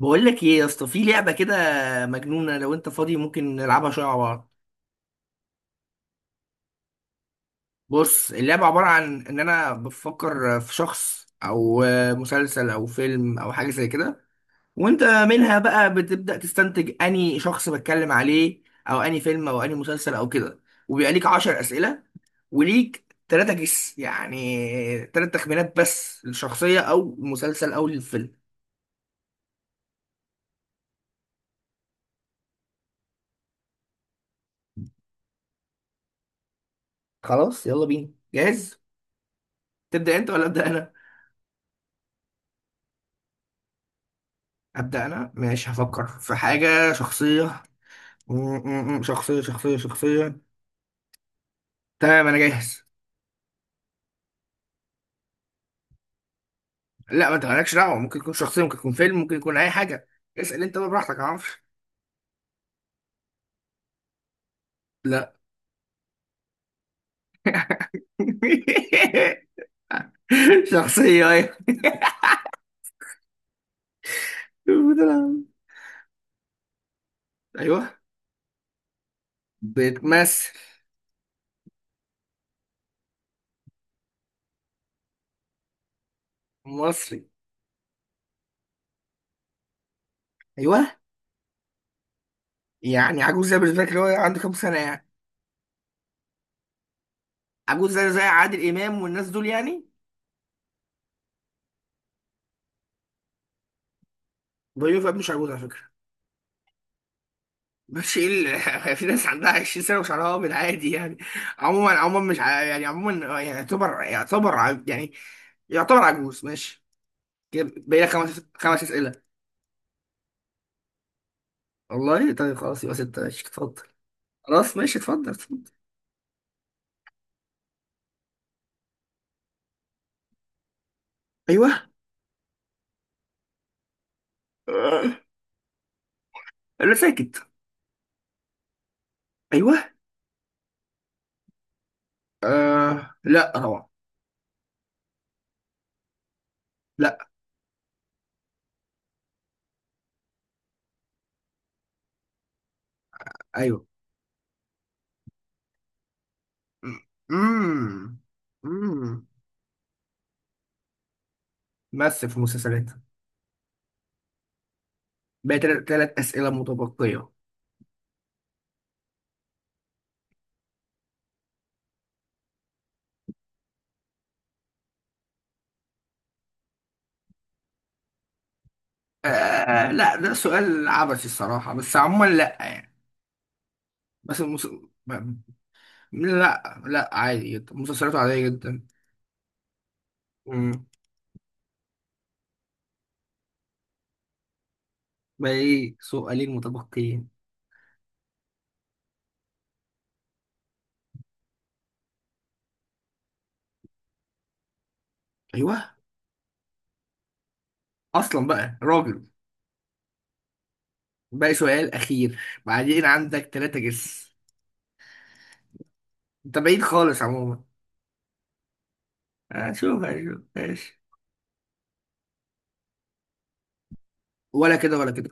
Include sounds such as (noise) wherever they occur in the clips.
بقول لك ايه يا اسطى، في لعبه كده مجنونه. لو انت فاضي ممكن نلعبها شويه مع بعض. بص، اللعبه عباره عن ان انا بفكر في شخص او مسلسل او فيلم او حاجه زي كده، وانت منها بقى بتبدا تستنتج اني شخص بتكلم عليه او اني فيلم او اني مسلسل او كده. وبيبقى ليك 10 اسئله، وليك تلاتة جس يعني تلات تخمينات بس للشخصيه او المسلسل او الفيلم. خلاص يلا بينا، جاهز؟ تبدا انت ولا ابدا؟ أبدأ أنا، ماشي. هفكر في حاجة شخصية. م- شخصية شخصية شخصية. تمام، أنا جاهز. لا، ما أنت مالكش دعوة، ممكن يكون شخصية ممكن يكون فيلم ممكن يكون أي حاجة. اسأل أنت بقى براحتك، معرفش. لا. (laughs) شخصية أيوه. بتلعب. أيوه. بتمثل. مصري. أيوه. يعني عجوز زي بالنسبة لك اللي هو عنده كام سنة يعني؟ عجوز زي زي عادل إمام والناس دول يعني. بيوفي مش عجوز على فكرة. مش ايه ال- (laughs) في ناس عندها 20 سنه وشعرها ابيض عادي يعني. عموما عموما مش ع- يعني عموما يعني يعتبر يعتبر عجوز ماشي. كده بقى لك خمس اسئله. والله طيب خلاص، يبقى سته ماشي، اتفضل. خلاص ماشي، اتفضل اتفضل. ايوه. آه. لا، ساكت. ايوه. آه. لا طبعا. لا. ايوه. امم. امم. مثل في مسلسلات. بقى ثلاث اسئله متبقيه. آه لا، ده سؤال عبثي الصراحة، بس عموما لا يعني. بس المس... ما- لا لا، عادي جدا، مسلسلاته عادية جدا. مم. باقي سؤالين متبقيين. ايوه. اصلا بقى راجل. باقي سؤال اخير. بعدين عندك ثلاثة جس. انت بعيد خالص عموما. اشوف ماشي. ولا كده ولا كده.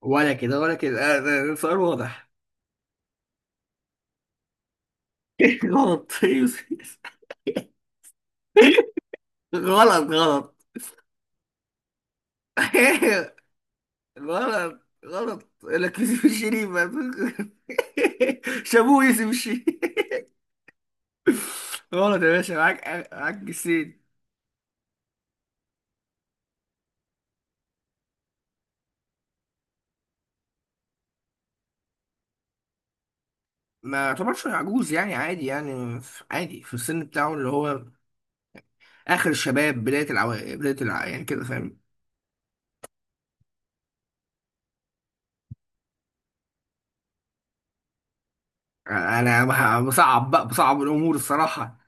ولا كده ولا كده آه، ده- ده سؤال واضح. (laughs) غلط (laughs) غلط غلط. (laughs) غلط. غلط لك يوسف الشريف. (laughs) شابوه يوسف الشريف. غلط يا باشا، معاك. معاك جسيد. ما يعتبرش عجوز يعني، عادي يعني عادي في السن بتاعه اللي هو اخر الشباب، بدايه العو... بدايه الع... يعني كده، فاهم. بصعب بقى بصعب الامور الصراحه.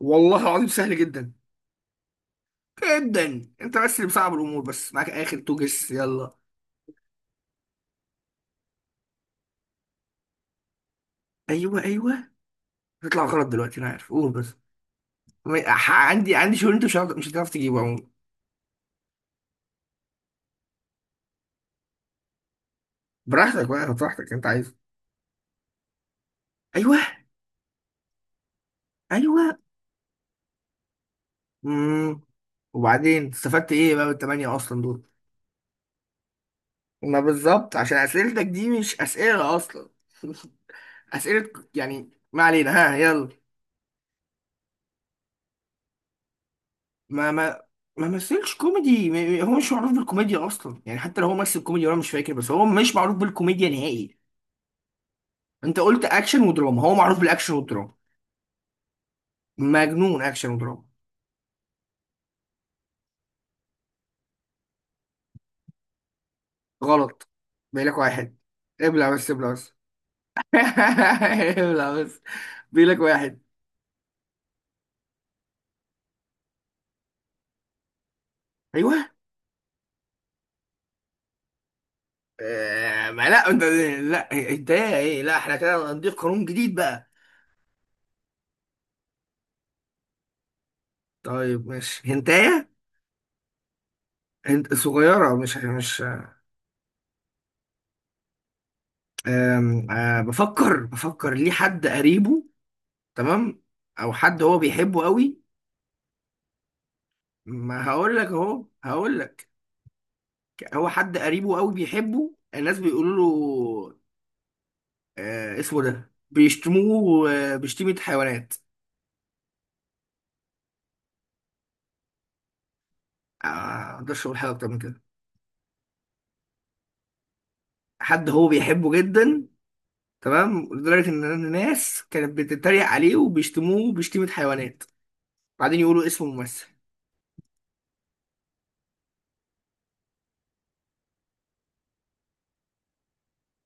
والله العظيم سهل جدا. جدا، انت بس اللي بصعب الامور. بس معاك اخر تو جس، يلا. ايوه ايوه. هتطلع غلط دلوقتي انا عارف، قول بس. عندي شغل، انت مش هتعرف مش هتعرف تجيبه عموما. براحتك بقى براحتك، انت عايز. ايوه ايوه. امم. وبعدين استفدت ايه بقى بالتمانية اصلا دول؟ ما بالظبط، عشان اسئلتك دي مش اسئله اصلا. (laughs) اسئله يعني، ما علينا، ها يلا. ما ما مثلش كوميدي، هو مش معروف بالكوميديا اصلا يعني، حتى لو هو مثل كوميدي وانا مش فاكر، بس هو مش معروف بالكوميديا نهائي. انت قلت اكشن ودراما، هو معروف بالاكشن والدراما. مجنون اكشن ودراما. غلط. بيقول لك واحد. ابلع بس، ابلع بس. (laughs) ابلع بس. بيقول لك واحد. ايوه. آه، ما لا انت. لا هنتايه ايه، لا احنا كده هنضيف قانون جديد بقى. طيب ماشي هنتايه. هنت صغيرة مش مش. آم، آه، بفكر ليه، حد قريبه. تمام. او حد هو بيحبه قوي. ما هقول لك اهو، هقول لك. هو حد قريبه قوي بيحبه، الناس بيقولوا له آه، اسمه ده بيشتموه آه، بشتيمة حيوانات. آه، ما اقدرش اقول حاجة اكتر من كده. حد هو بيحبه جدا. تمام، لدرجه ان الناس كانت بتتريق عليه وبيشتموه بشتيمه حيوانات. بعدين يقولوا اسم ممثل.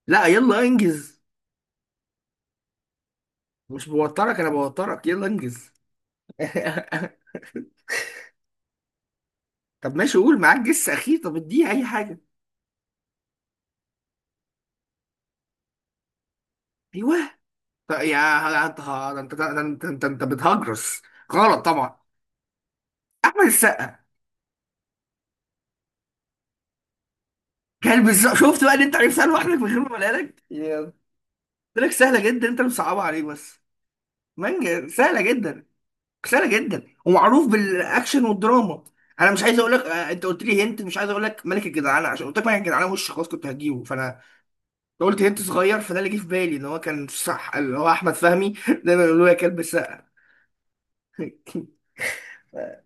لا يلا انجز. مش بوترك، انا بوترك. يلا انجز. (laughs) طب ماشي، قول معاك جس اخير، طب اديه اي حاجه. ايوه. طب يا انت ده، انت ده، انت بتهجرس. غلط طبعا. احمد السقا. كلب السقا، شفت بقى ان انت عرفت سهل لوحدك من غير ما اقولها لك يا. قلت لك سهله جدا، انت اللي مصعبها عليه بس. مانجا سهله جدا. قصيره جدا ومعروف بالاكشن والدراما. انا مش عايز اقول لك آه، انت قلت لي هنت، مش عايز اقول لك ملك الجدعانه عشان قلت لك ملك الجدعانه وش خلاص كنت هجيبه فانا. لو قلت هنت صغير فده اللي جه في بالي ان هو كان صح، اللي هو احمد فهمي. (laughs) دايما يقولوا له يا كلب السقا. (laughs) آه،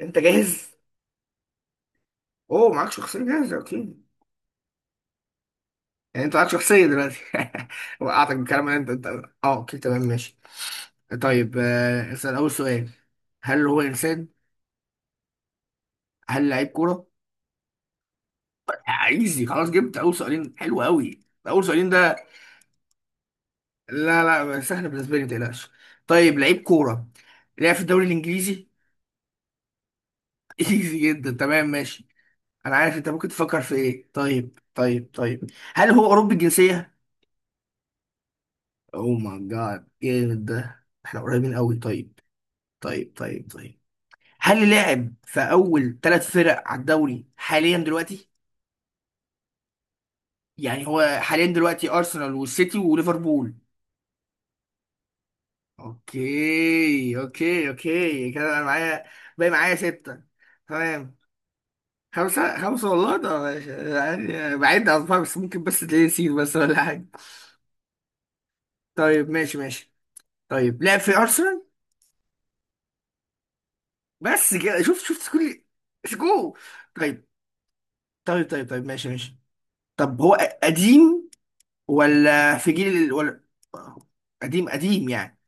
انت جاهز؟ اوه، معاك شخصيه جاهزه، اوكي. يعني انت معاك شخصيه دلوقتي. (laughs) وقعتك بالكلام اللي انت. اه، اوكي تمام ماشي. طيب آه، اسال اول سؤال. هل هو انسان؟ هل لعيب كوره؟ ايزي خلاص، جبت اول سؤالين، حلو قوي. اول سؤالين ده. لا لا، سهل بالنسبه لي، ما تقلقش. طيب لعيب كوره. لعب في الدوري الانجليزي. (laughs) ايزي جدا، تمام ماشي. انا عارف انت ممكن تفكر في ايه. طيب طيب طيب، هل هو اوروبي الجنسيه؟ او ماي جاد جامد، ده احنا قريبين قوي. طيب طيب طيب طيب، هل لعب في اول ثلاث فرق على الدوري حاليا دلوقتي؟ يعني هو حاليا دلوقتي ارسنال والسيتي وليفربول. اوكي اوكي اوكي، كده انا معايا. باقي معايا ستة. تمام. خمسة خمسة والله ده ماشي. يعني بعيد أصفار، بس ممكن بس تلاقيه نسيت بس ولا حاجة. طيب ماشي ماشي. طيب لعب في أرسنال. بس كده، شفت شفت كل سكو. طيب طيب طيب طيب ماشي ماشي. طب هو قديم ولا في ولا، قديم؟ قديم يعني.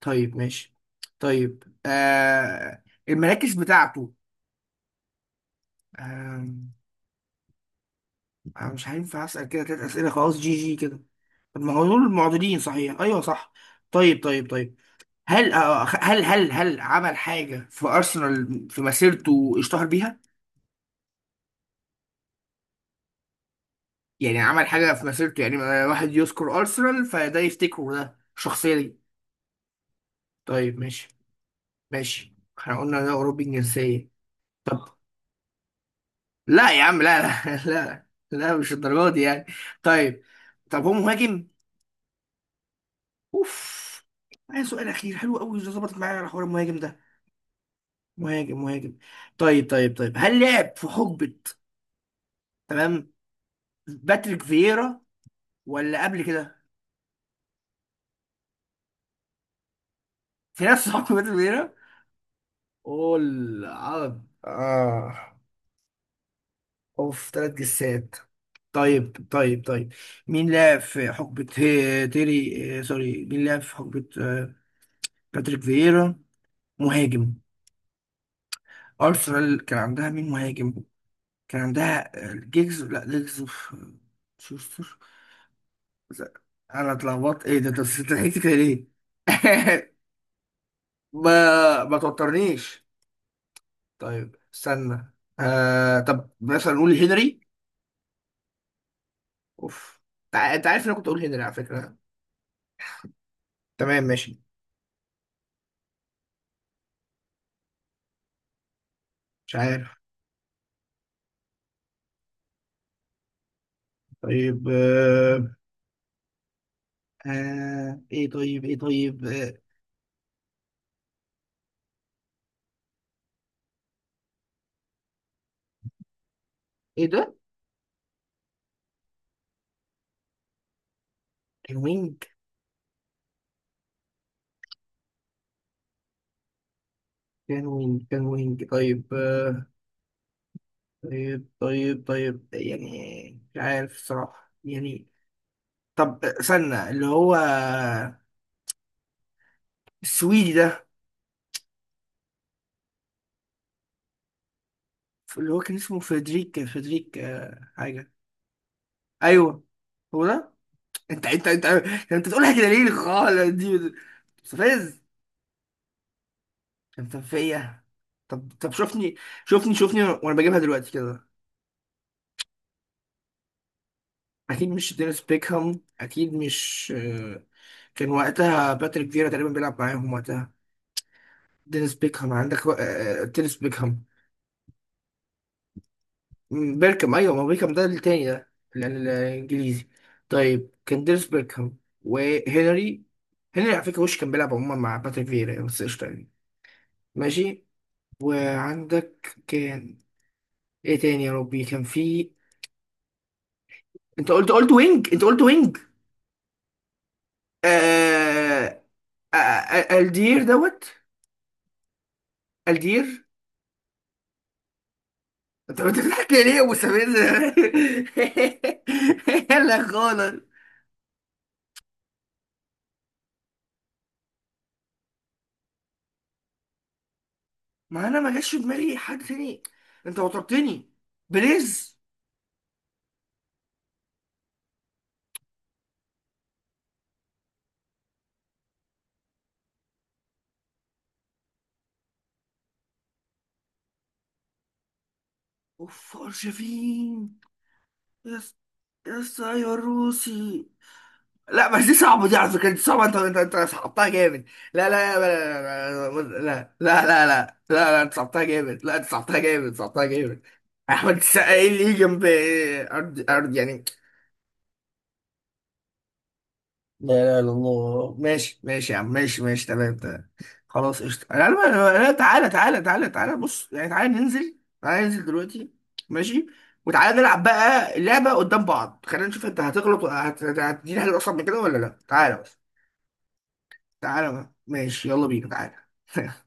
طيب ماشي. طيب آه، المراكز بتاعته. أنا مش هينفع أسأل كده تلات أسئلة خلاص، جي جي كده. طب ما هو دول معضلين صحيح، أيوه صح. طيب طيب طيب، هل آه، هل عمل حاجة في أرسنال في مسيرته اشتهر بيها؟ يعني عمل حاجة في مسيرته يعني آه، واحد يذكر أرسنال فده يفتكره، ده الشخصية دي. طيب ماشي ماشي. احنا قلنا ده أوروبي الجنسية. طب. لا يا عم، لا لا. (laughs) لا. لا مش الدرجة دي يعني. طيب. طب هو مهاجم؟ أوف. معايا سؤال أخير، حلو أوي، ظبطت معايا على حوار المهاجم ده. مهاجم مهاجم. طيب طيب طيب، هل لعب في حقبة، تمام، باتريك فييرا ولا قبل كده؟ في نفس (laughs) حقبة باتريك فييرا. قول، عرض اه. اوف ثلاث جسات. طيب طيب طيب، مين لعب في تيري آه، سوري، مين لعب في حقبة آه، باتريك فييرا مهاجم. أرسنال كان عندها مين مهاجم. كان عندها آه، جيجز، لا جيجز في- شوستر. انا اتلخبطت، ايه ده انت ضحكت كده ليه؟ (laughs) ما توترنيش. طيب استنى. آه... طب مثلا نقول هنري؟ اوف. انت عارف ان انا كنت اقول هنري على فكرة. تمام ماشي. مش عارف. طيب آه... آه... ايه طيب ايه طيب آه... ايه ده. كان وينج. كان وينج. كان وينج. طيب آه... طيب طيب طيب يعني مش عارف الصراحة يعني. طب استنى، اللي هو السويدي ده. اللي هو كان اسمه فريدريك آه، حاجة. أيوه، هو ده. أنت كان أنت بتقولها كده ليه خالص دي، مستفز. أنت فيا. طب طب، شوفني وأنا بجيبها دلوقتي كده. أكيد مش دينيس بيكهام، أكيد مش آه، كان وقتها باتريك فيرا تقريبا بيلعب معاهم وقتها. دينيس بيكهام عندك و... آه، دينيس بيكهام. مم، بيركم ايوه، ما بيركم ده التاني ده، الانجليزي. طيب كان ديريس بيركم وهنري. هنري على فكره وش كان بيلعب عموما مع باتريك فيرا يعني، بس قشطه يعني. ماشي. وعندك كان، ايه تاني يا ربي كان في. انت قلت وينج، انت قلت وينج. آه... آه... آه... الدير دوت. الدير. انت بتضحك (laughs) ليه يا ابو سمير؟ (laughs) لا خالص. ما انا ما جاش في دماغي حد تاني، انت وترتني. بليز. اوف أرجفين. يس. يس ايوه الروسي. لا بس دي صعبة دي على فكرة، دي صعبة، انت صعبتها جامد. لا لا لا لا لا لا لا لا لا لا، انت صعبتها جامد، لا انت صعبتها جامد، صعبتها جامد. احمد السقا ايه اللي يجي جنب. ارض ارض يعني. لا لا لا، الله ماشي ماشي يا عم، ماشي ماشي تمام تمام. خلاص قشطة، انا عارف- انا أنا- تعالى تعالى تعالى تعالى بص يعني، تعالى ننزل، تعالى ننزل دلوقتي. ماشي. وتعالى نلعب بقى اللعبة قدام بعض، خلينا نشوف انت هتغلط هتديني حاجة اصلا من كده ولا لا، تعالى بس. تعالى بقى. ماشي، يلا بينا، تعالى. (laughs)